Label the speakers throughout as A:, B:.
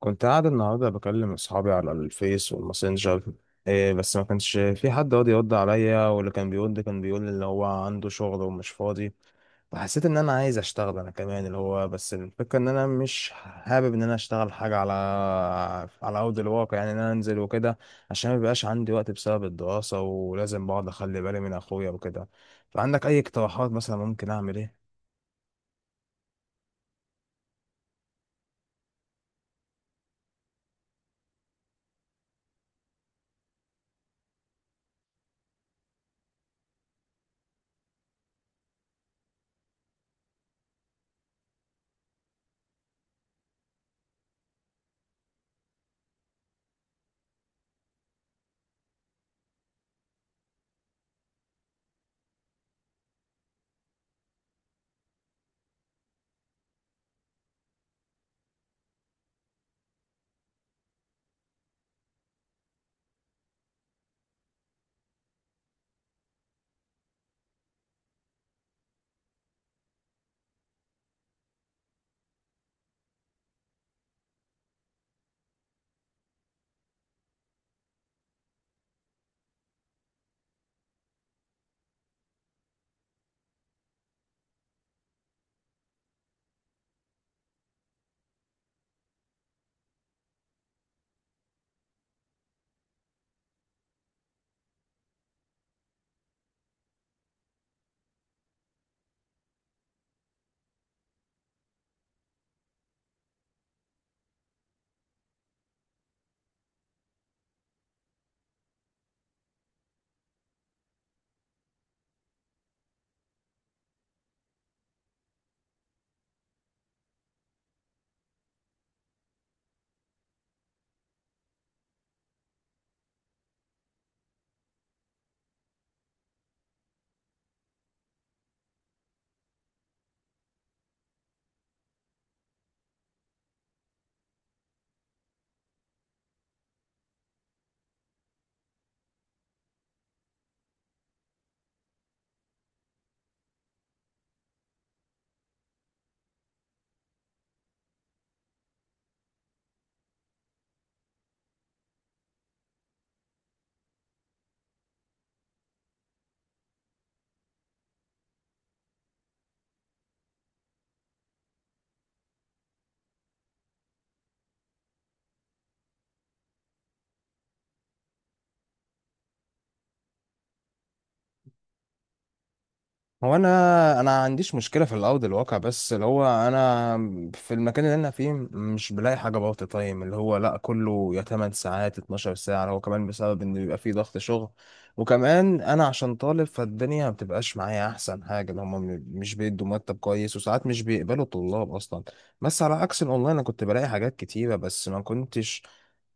A: كنت قاعد النهارده بكلم اصحابي على الفيس والماسنجر. إيه، بس ما كانش في حد راضي يرد عليا، واللي كان بيرد كان بيقول اللي هو عنده شغل ومش فاضي. فحسيت ان انا عايز اشتغل انا كمان، اللي هو بس الفكره ان انا مش حابب ان انا اشتغل حاجه على ارض الواقع، يعني ان انا انزل وكده، عشان ما بيبقاش عندي وقت بسبب الدراسه، ولازم بقعد اخلي بالي من اخويا وكده. فعندك اي اقتراحات مثلا؟ ممكن اعمل ايه؟ هو انا عنديش مشكله في الارض الواقع، بس اللي هو انا في المكان اللي انا فيه مش بلاقي حاجه بارت تايم، اللي هو لا، كله يا 8 ساعات 12 ساعه، اللي هو كمان بسبب ان بيبقى فيه ضغط شغل. وكمان انا عشان طالب فالدنيا ما بتبقاش معايا احسن حاجه، اللي هم مش بيدوا مرتب كويس، وساعات مش بيقبلوا الطلاب اصلا. بس على عكس الاونلاين انا كنت بلاقي حاجات كتيره، بس ما كنتش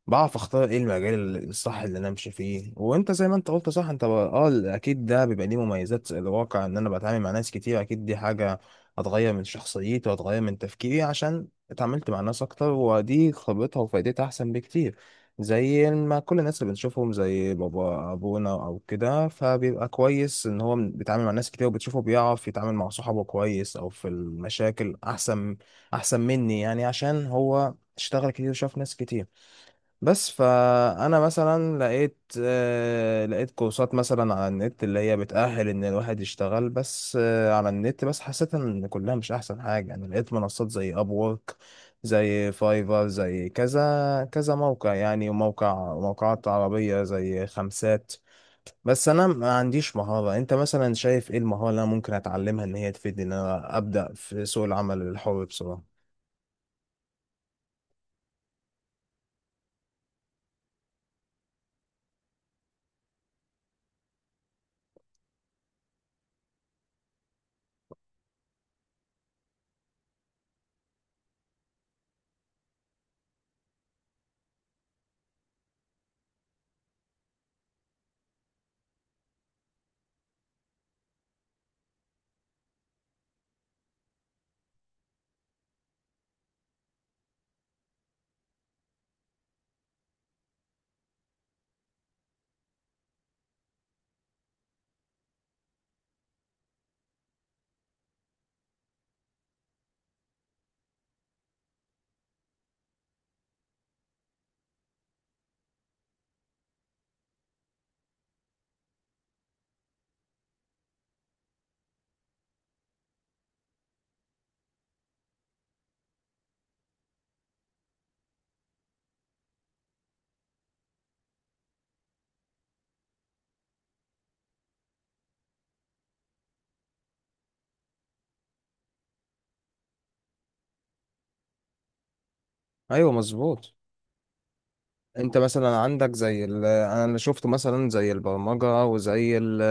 A: بعرف اختار ايه المجال الصح اللي انا امشي فيه. وانت زي ما انت قلت صح، اه اكيد ده بيبقى ليه مميزات الواقع، ان انا بتعامل مع ناس كتير. اكيد دي حاجة هتغير من شخصيتي وهتغير من تفكيري، عشان اتعاملت مع ناس اكتر، ودي خبرتها وفائدتها احسن بكتير. زي ما كل الناس اللي بنشوفهم زي بابا ابونا او كده، فبيبقى كويس ان هو بيتعامل مع ناس كتير، وبتشوفه بيعرف يتعامل مع صحابه كويس، او في المشاكل احسن، احسن مني يعني، عشان هو اشتغل كتير وشاف ناس كتير. بس فانا مثلا لقيت، لقيت كورسات مثلا على النت اللي هي بتأهل ان الواحد يشتغل. بس على النت بس حسيت ان كلها مش احسن حاجة. انا لقيت منصات زي ابورك، زي فايفر، زي كذا كذا موقع يعني، وموقع، وموقعات عربية زي خمسات. بس انا ما عنديش مهارة. انت مثلا شايف ايه المهارة اللي انا ممكن اتعلمها ان هي تفيدني، ان انا ابدأ في سوق العمل الحر بسرعة؟ ايوه مظبوط. انت مثلا عندك انا اللي شفته مثلا زي البرمجه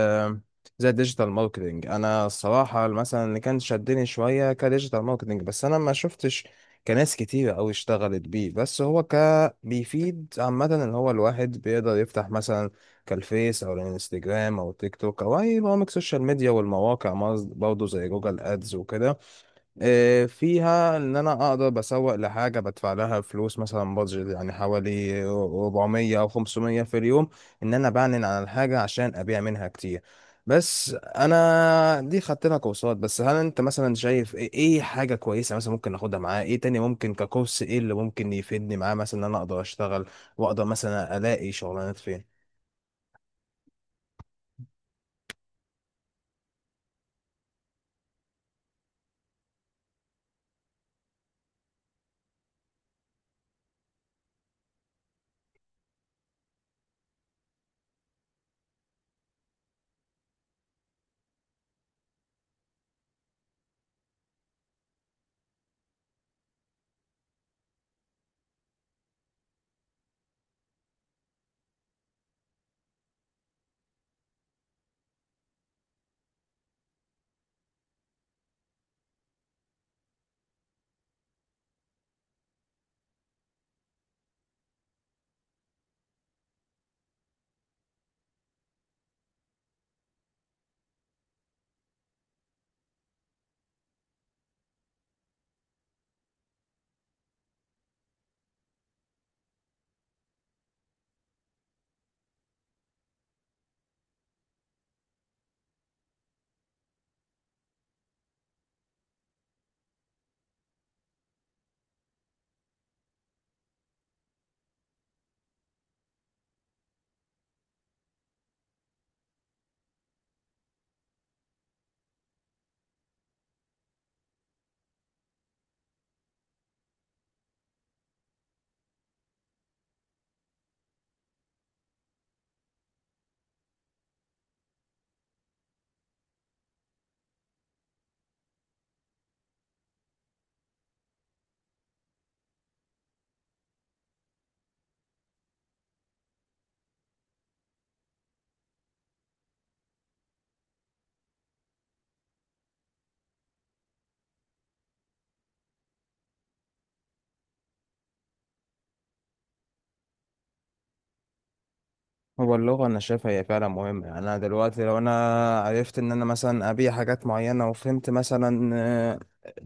A: زي الديجيتال ماركتنج. انا الصراحه مثلا اللي كان شدني شويه كديجيتال ماركتنج، بس انا ما شفتش كناس كتيره قوي اشتغلت بيه. بس هو بيفيد عامه، اللي هو الواحد بيقدر يفتح مثلا كالفيس او الانستجرام او تيك توك او اي برامج سوشيال ميديا والمواقع برضه زي جوجل ادز وكده. فيها ان انا اقدر بسوق لحاجه بدفع لها فلوس، مثلا بادجت يعني حوالي 400 او 500 في اليوم، ان انا بعلن عن الحاجه عشان ابيع منها كتير. بس انا دي خدت لها كورسات. بس هل انت مثلا شايف إيه حاجه كويسه مثلا ممكن اخدها معاه؟ ايه تاني ممكن ككورس؟ ايه اللي ممكن يفيدني معاه، مثلا ان انا اقدر اشتغل واقدر مثلا الاقي شغلانات فين؟ هو اللغة أنا شايفها هي فعلا مهمة. يعني أنا دلوقتي لو أنا عرفت إن أنا مثلا أبيع حاجات معينة، وفهمت مثلا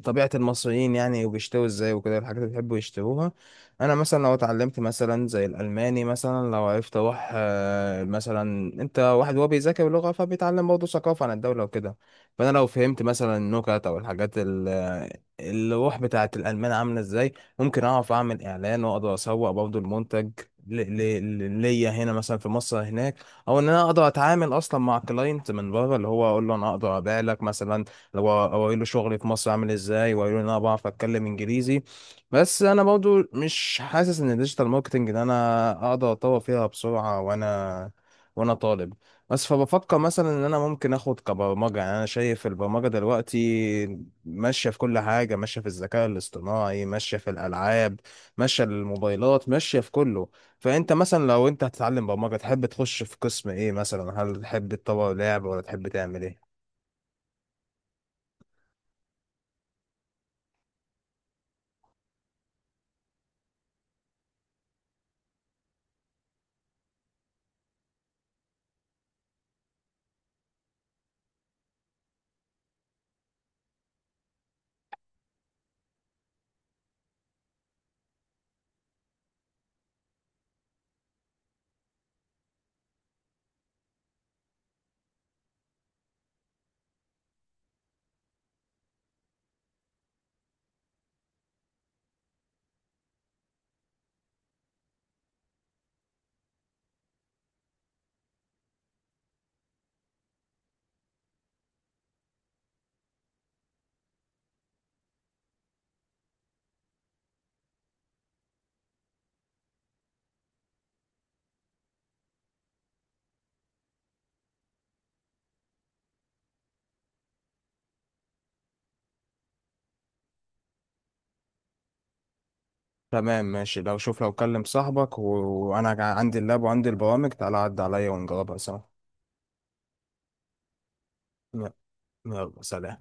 A: طبيعة المصريين يعني، وبيشتروا إزاي وكده الحاجات اللي بيحبوا يشتروها. أنا مثلا لو اتعلمت مثلا زي الألماني، مثلا لو عرفت أروح، مثلا أنت واحد هو بيذاكر لغة فبيتعلم برضه ثقافة عن الدولة وكده. فأنا لو فهمت مثلا النكت أو الروح بتاعة الألمان عاملة إزاي، ممكن أعرف أعمل إعلان وأقدر أسوق برضه المنتج ليا هنا مثلا في مصر هناك، او ان انا اقدر اتعامل اصلا مع كلاينت من بره، اللي هو اقول له انا اقدر ابيع لك مثلا، لو اقول له شغلي في مصر عامل ازاي، واقول له إن انا بعرف اتكلم انجليزي. بس انا برضو مش حاسس ان الديجيتال ماركتنج ده انا اقدر اتطور فيها بسرعه، وانا طالب. بس فبفكر مثلا ان انا ممكن اخد كبرمجه. يعني انا شايف البرمجه دلوقتي ماشيه في كل حاجه، ماشيه في الذكاء الاصطناعي، ماشيه في الالعاب، ماشيه الموبايلات، ماشيه في كله. فانت مثلا لو انت هتتعلم برمجه تحب تخش في قسم ايه مثلا؟ هل تحب تطور لعب، ولا تحب تعمل ايه؟ تمام ماشي. لو شوف لو كلم صاحبك وانا عندي اللاب وعندي البرامج، تعالى عد عليا ونجربها سوا. يلا، يلا، سلام.